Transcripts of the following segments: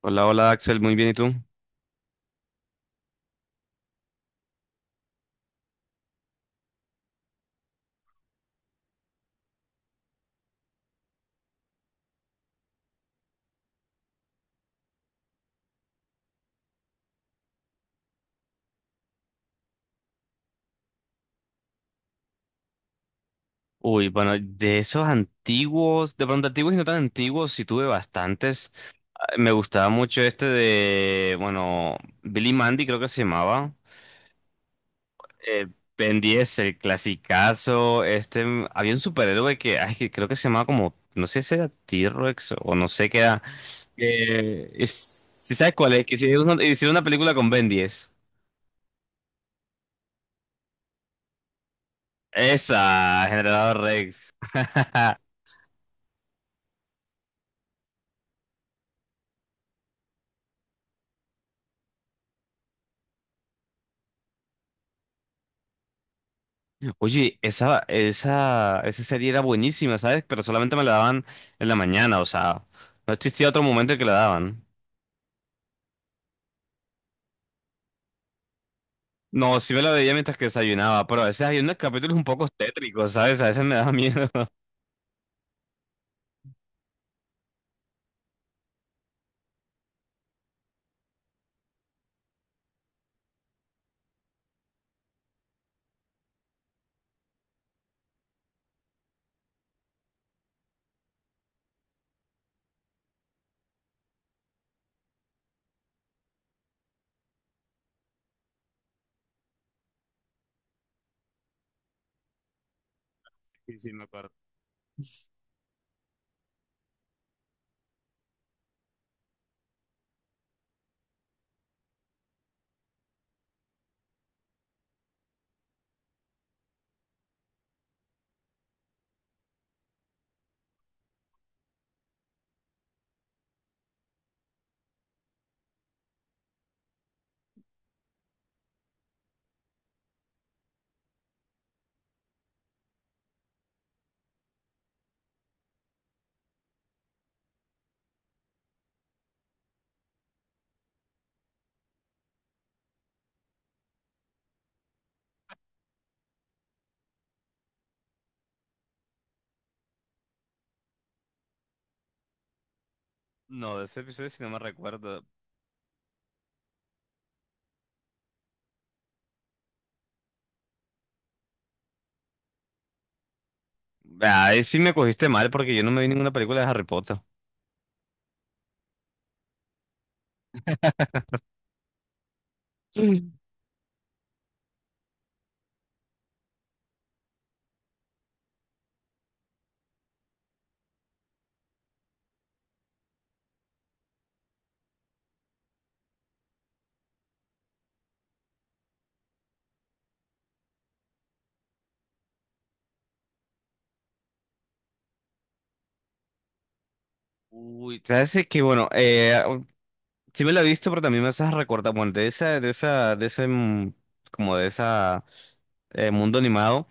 Hola, hola Axel, muy bien, ¿y tú? Uy, bueno, de esos antiguos, de pronto antiguos y no tan antiguos, sí tuve bastantes. Ah, me gustaba mucho este de, bueno, Billy Mandy creo que se llamaba. Eh, Ben 10, el clasicazo. Este, había un superhéroe que, ay, que creo que se llamaba como, no sé si era T-Rex o no sé qué era. ¿Sí sabes cuál es? Que si hicieron una, hicieron una película con Ben 10. Esa, Generador Rex. Oye, esa serie era buenísima, ¿sabes? Pero solamente me la daban en la mañana, o sea, no existía otro momento en que la daban. No, sí me la veía mientras que desayunaba, pero a veces hay unos capítulos un poco tétricos, ¿sabes? A veces me daba miedo. Sí, sí, me acuerdo. No, de ese episodio sí no me recuerdo. Ahí sí me cogiste mal porque yo no me vi ninguna película de Harry Potter. Mm. Uy, sabes, es que bueno, sí me la he visto, pero también me haces recordar, bueno, de ese, como de esa mundo animado.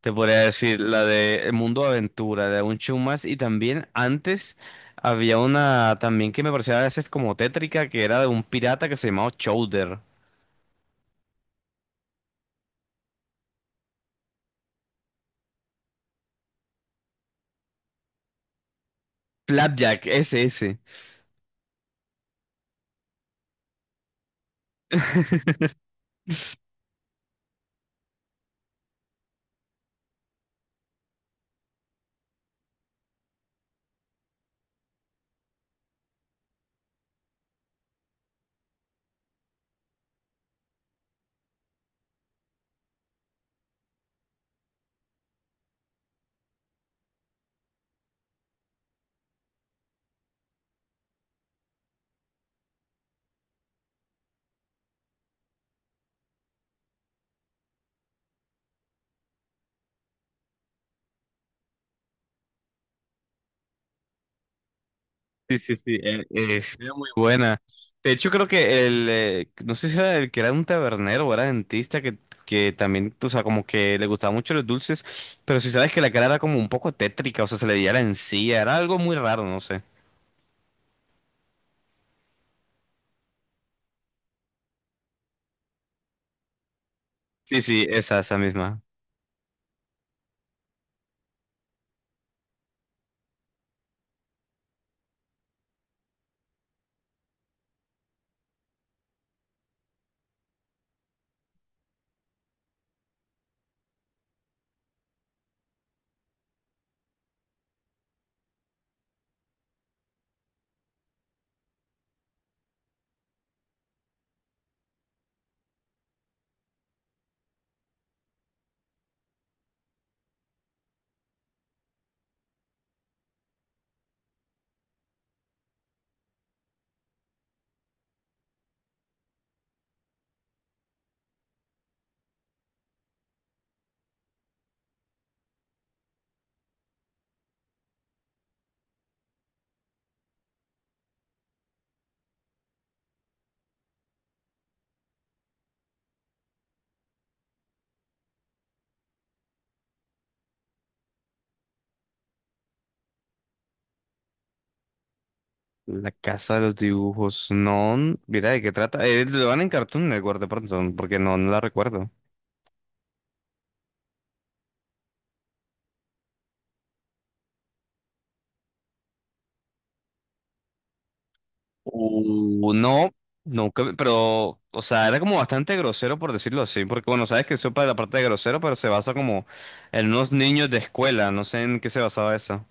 Te podría decir la de El Mundo de Aventura, de un show más. Y también antes había una también que me parecía a veces como tétrica, que era de un pirata que se llamaba Chowder. Flapjack, ese, ese. Sí, sí, sí, es muy buena. De hecho, creo que el, no sé si era el que era un tabernero o era dentista, que también, o sea, como que le gustaban mucho los dulces, pero si sabes que la cara era como un poco tétrica, o sea, se le veía la encía, era algo muy raro, no sé. Sí, sí, esa misma. La casa de los dibujos. No, mira de qué trata. Lo van en Cartoon Network de pronto, porque no, no la recuerdo. No, nunca, pero, o sea, era como bastante grosero por decirlo así, porque bueno, sabes que sopa de la parte de grosero, pero se basa como en unos niños de escuela, no sé en qué se basaba eso.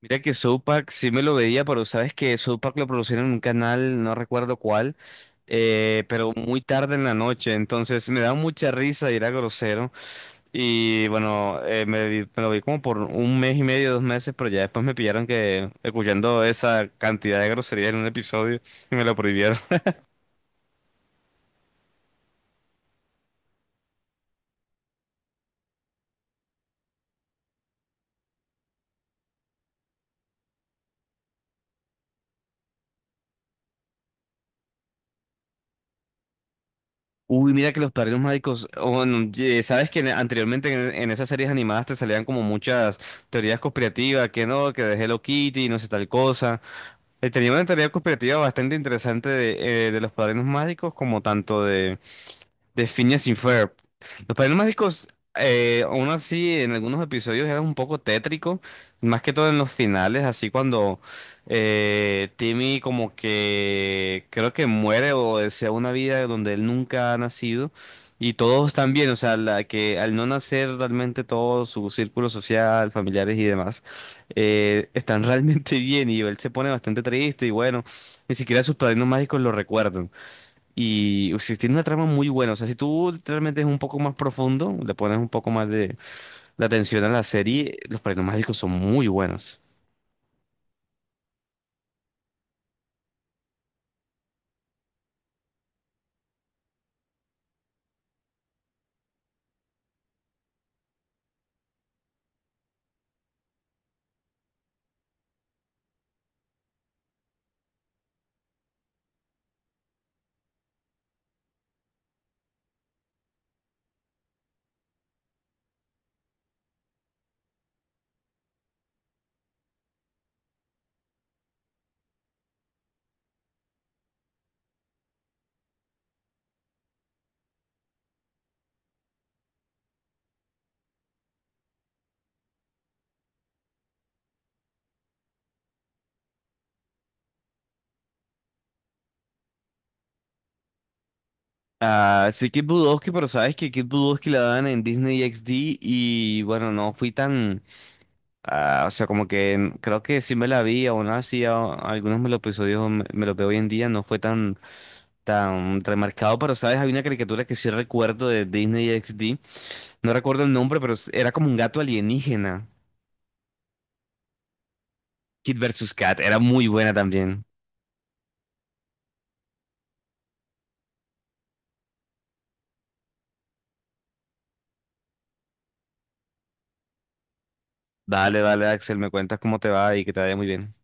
Mira que South Park sí me lo veía, pero sabes que South Park lo producían en un canal, no recuerdo cuál, pero muy tarde en la noche, entonces me daba mucha risa y era grosero. Y bueno, me lo vi como por un mes y medio, dos meses, pero ya después me pillaron que escuchando esa cantidad de groserías en un episodio y me lo prohibieron. Uy, mira que los padrinos mágicos, oh, bueno, sabes que anteriormente en esas series animadas te salían como muchas teorías conspirativas, que no, que de Hello Kitty, no sé tal cosa. Tenía una teoría conspirativa bastante interesante de los padrinos mágicos, como tanto de Phineas y Ferb. Los padrinos mágicos, aún así, en algunos episodios era un poco tétrico, más que todo en los finales, así cuando Timmy como que creo que muere o desea una vida donde él nunca ha nacido. Y todos también, o sea, la que al no nacer realmente todo su círculo social, familiares y demás, están realmente bien y él se pone bastante triste y bueno, ni siquiera sus padrinos mágicos lo recuerdan. Y si tiene una trama muy buena, o sea, si tú realmente es un poco más profundo, le pones un poco más de atención a la serie, los paranormálicos son muy buenos. Ah, sí, Kid Budowski, pero sabes que Kid Budowski la dan en Disney XD y bueno, no fui tan, ah, o sea, como que creo que sí me la vi, aún así algunos me los episodios me, me los veo hoy en día, no fue tan, tan remarcado, pero sabes, hay una caricatura que sí recuerdo de Disney XD, no recuerdo el nombre, pero era como un gato alienígena. Kid versus Cat, era muy buena también. Dale, dale, Axel, me cuentas cómo te va y que te vaya muy bien.